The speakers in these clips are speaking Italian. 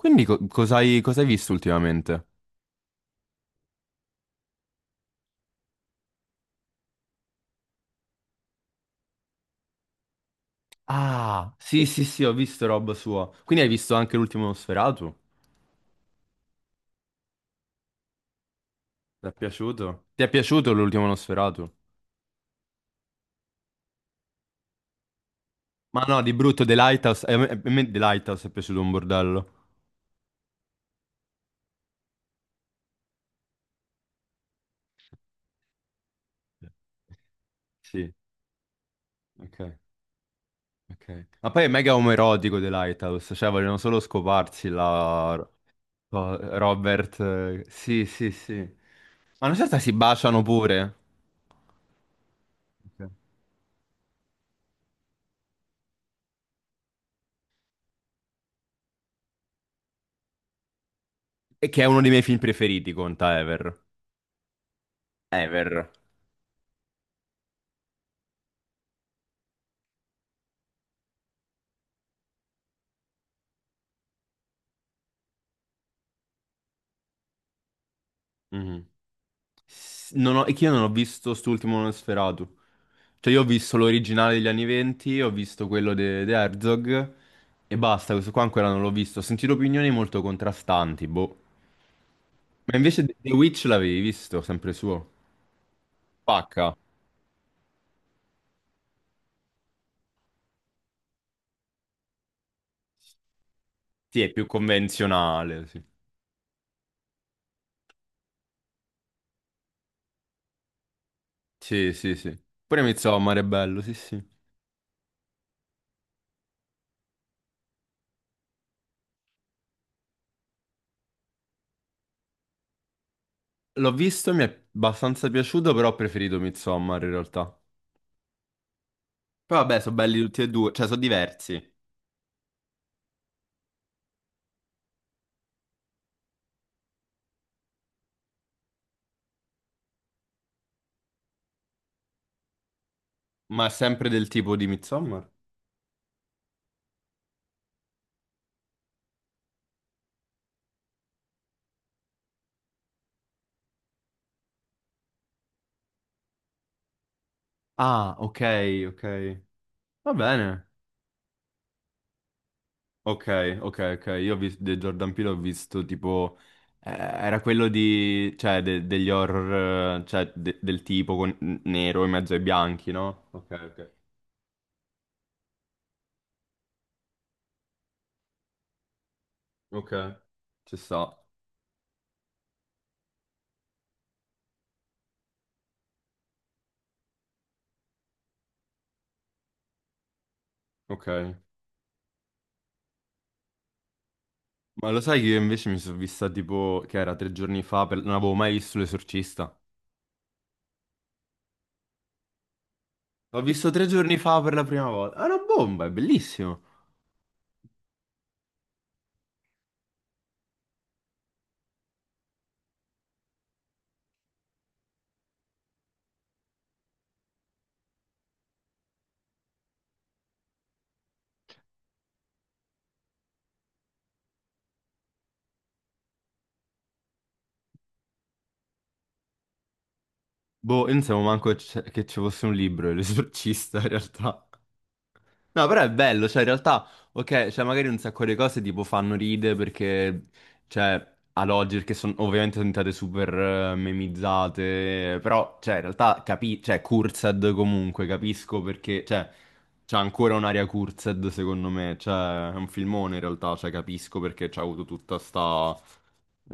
Quindi cos'hai visto ultimamente? Ah, sì, sì, sì, ho visto roba sua. Quindi hai visto anche l'ultimo Nosferatu? Ti è piaciuto? Ti è piaciuto l'ultimo Nosferatu? Ma no, di brutto, The Lighthouse. A me, a me The Lighthouse è piaciuto un bordello. Sì, ok, ok. Ok. Ma poi è mega omoerotico The Lighthouse, cioè vogliono solo scoparsi la... Robert. Sì, sì, sì. Ma non so se si baciano pure. Ok. E che è uno dei miei film preferiti, conta Ever. Ever. Mhm. S- Non ho- È che io non ho visto st'ultimo Nosferatu. Cioè, io ho visto l'originale degli anni 20, ho visto quello di Herzog e basta. Questo qua ancora non l'ho visto. Ho sentito opinioni molto contrastanti, boh. Ma invece The Witch l'avevi visto, sempre suo. Pacca. Sì, è più convenzionale, sì. Sì, sì, sì. Pure Midsommar è bello, sì, sì. L'ho visto, mi è abbastanza piaciuto, però ho preferito Midsommar in realtà. Poi vabbè, sono belli tutti e due, cioè sono diversi, ma è sempre del tipo di Midsommar. Ah, ok, ok. Va bene. Ok, ok, ok. Io ho visto, di Jordan Peele ho visto tipo... era quello di... cioè degli horror, cioè del tipo con nero in mezzo ai bianchi, no? Ok, ok. Ok, ci sta. Ok. Ma lo sai che io invece mi sono vista tipo... che era tre giorni fa, non avevo mai visto L'Esorcista. L'ho visto tre giorni fa per la prima volta. È una bomba, è bellissimo. Boh, io non sapevo manco che ci fosse un libro, L'Esorcista, in realtà. No, però è bello, cioè in realtà, ok, cioè magari un sacco di cose tipo fanno ride perché, cioè, ad oggi, che sono ovviamente sono diventate super memizzate, però, cioè, in realtà, capi cioè, cursed comunque, capisco perché, cioè, c'è ancora un'area cursed secondo me, cioè, è un filmone in realtà, cioè, capisco perché c'ha avuto tutta sta,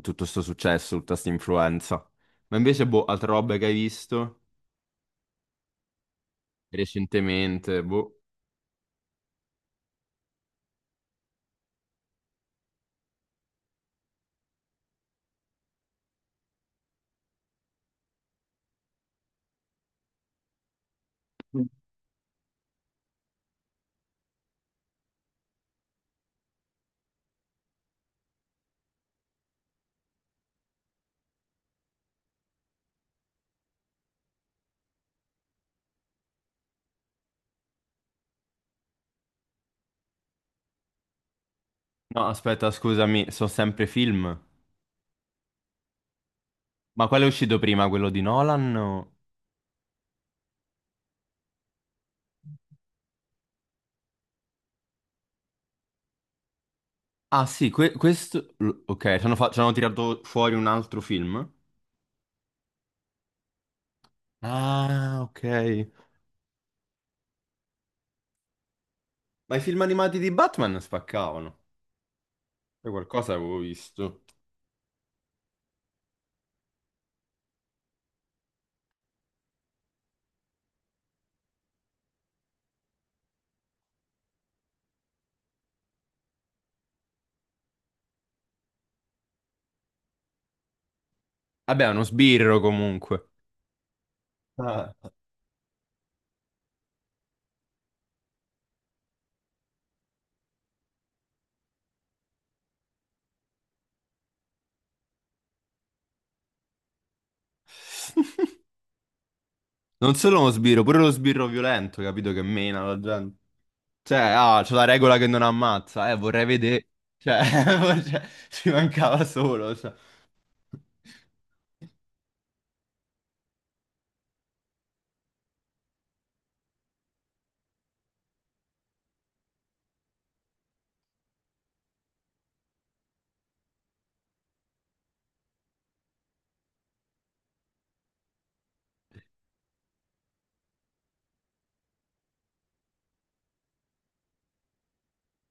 tutto sto successo, tutta sta influenza. Ma invece, boh, altra roba che hai visto recentemente, boh. No, aspetta, scusami, sono sempre film. Ma quale è uscito prima, quello di Nolan? O... Ah sì, questo... l- Ok, ci hanno, ci hanno tirato fuori un altro film. Ah, ok. Ma i film animati di Batman spaccavano. Poi qualcosa avevo visto. Vabbè, è uno sbirro comunque. Ah. Non solo uno sbirro, pure lo sbirro violento, capito? Che mena la gente. Cioè, ah, c'è la regola che non ammazza. Vorrei vedere... Cioè, cioè, ci mancava solo, cioè.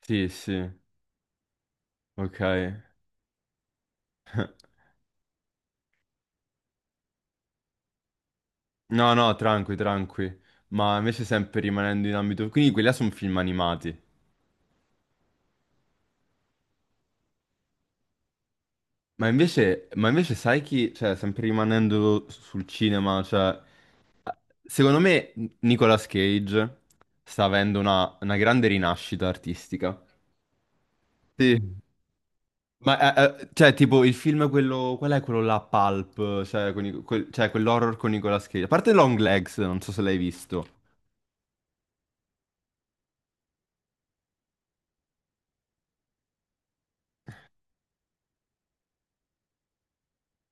Sì, sì, ok. No, no, tranqui, tranqui. Ma invece sempre rimanendo in ambito... Quindi quelli là sono film animati. Ma invece sai chi... Cioè, sempre rimanendo sul cinema, cioè... Secondo me Nicolas Cage sta avendo una grande rinascita artistica. Sì. Ma, cioè, tipo, il film quello... Qual è quello là, Pulp? Cioè, con cioè, quell'horror con Nicolas Cage. A parte Long Legs, non so se l'hai visto.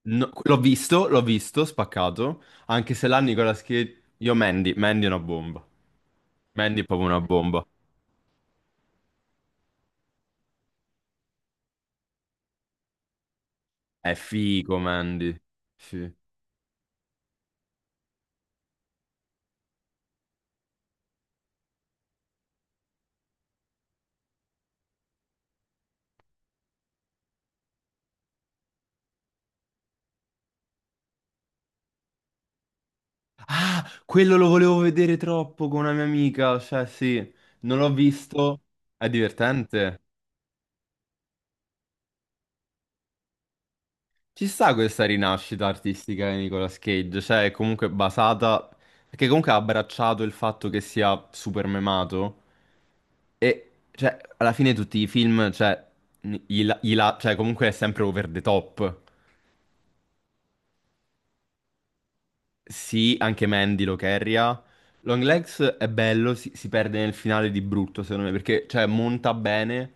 No, l'ho visto, spaccato, anche se là Nicolas Cage... Io Mandy, Mandy è una bomba. Mandy è proprio una bomba. È figo, Mandy. Sì. Ah, quello lo volevo vedere troppo con una mia amica, cioè sì, non l'ho visto. È divertente. Ci sta questa rinascita artistica di Nicolas Cage, cioè è comunque basata, perché comunque ha abbracciato il fatto che sia super memato e cioè alla fine tutti i film, cioè, cioè comunque è sempre over the top. Sì, anche Mandy lo carria. Long Legs è bello, si perde nel finale di brutto, secondo me, perché cioè, monta bene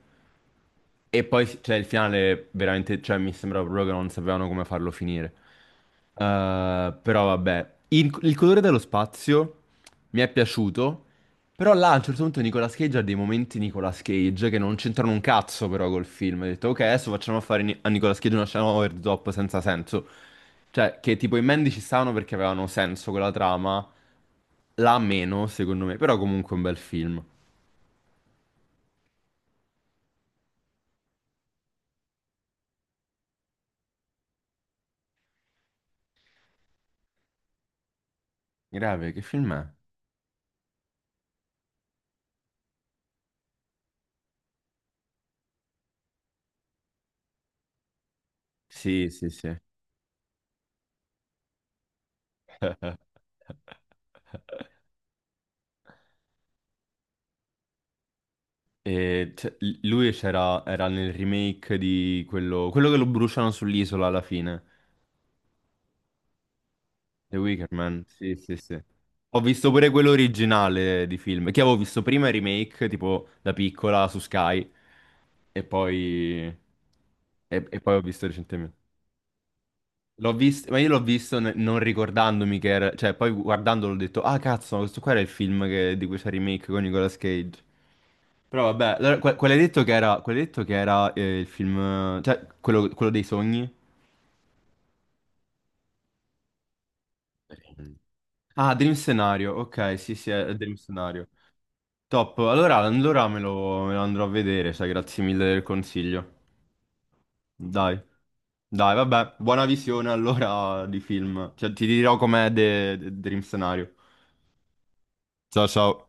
e poi cioè, il finale veramente, cioè, mi sembra proprio che non sapevano come farlo finire. Però vabbè, il colore dello spazio mi è piaciuto, però là a un certo punto Nicolas Cage ha dei momenti Nicolas Cage che non c'entrano un cazzo però col film. Ho detto, ok, adesso facciamo fare a Nicolas Cage una scena over the top senza senso. Cioè, che tipo i Mandy ci stavano perché avevano senso quella trama, la meno, secondo me, però comunque è un bel film. Grave, che film è? Sì, sì, sì. E c'è- lui c'era era nel remake di quello, quello che lo bruciano sull'isola alla fine, The Wicker Man. Sì, sì, sì. Ho visto pure quello originale di film, che avevo visto prima il remake, tipo da piccola su Sky, e poi, e poi ho visto recentemente. L'ho visto, ma io l'ho visto non ricordandomi che era, cioè poi guardandolo ho detto, ah cazzo, ma questo qua era il film di cui c'è il remake con Nicolas Cage. Però vabbè, allora, quello hai detto che era, quello hai detto che era il film, cioè quello dei sogni? Dream. Ah, Dream Scenario, ok, sì sì, è Dream Scenario. Top, allora, allora me lo andrò a vedere, sai, grazie mille del consiglio. Dai, dai, vabbè, buona visione allora di film, cioè ti dirò com'è Dream Scenario. Ciao ciao.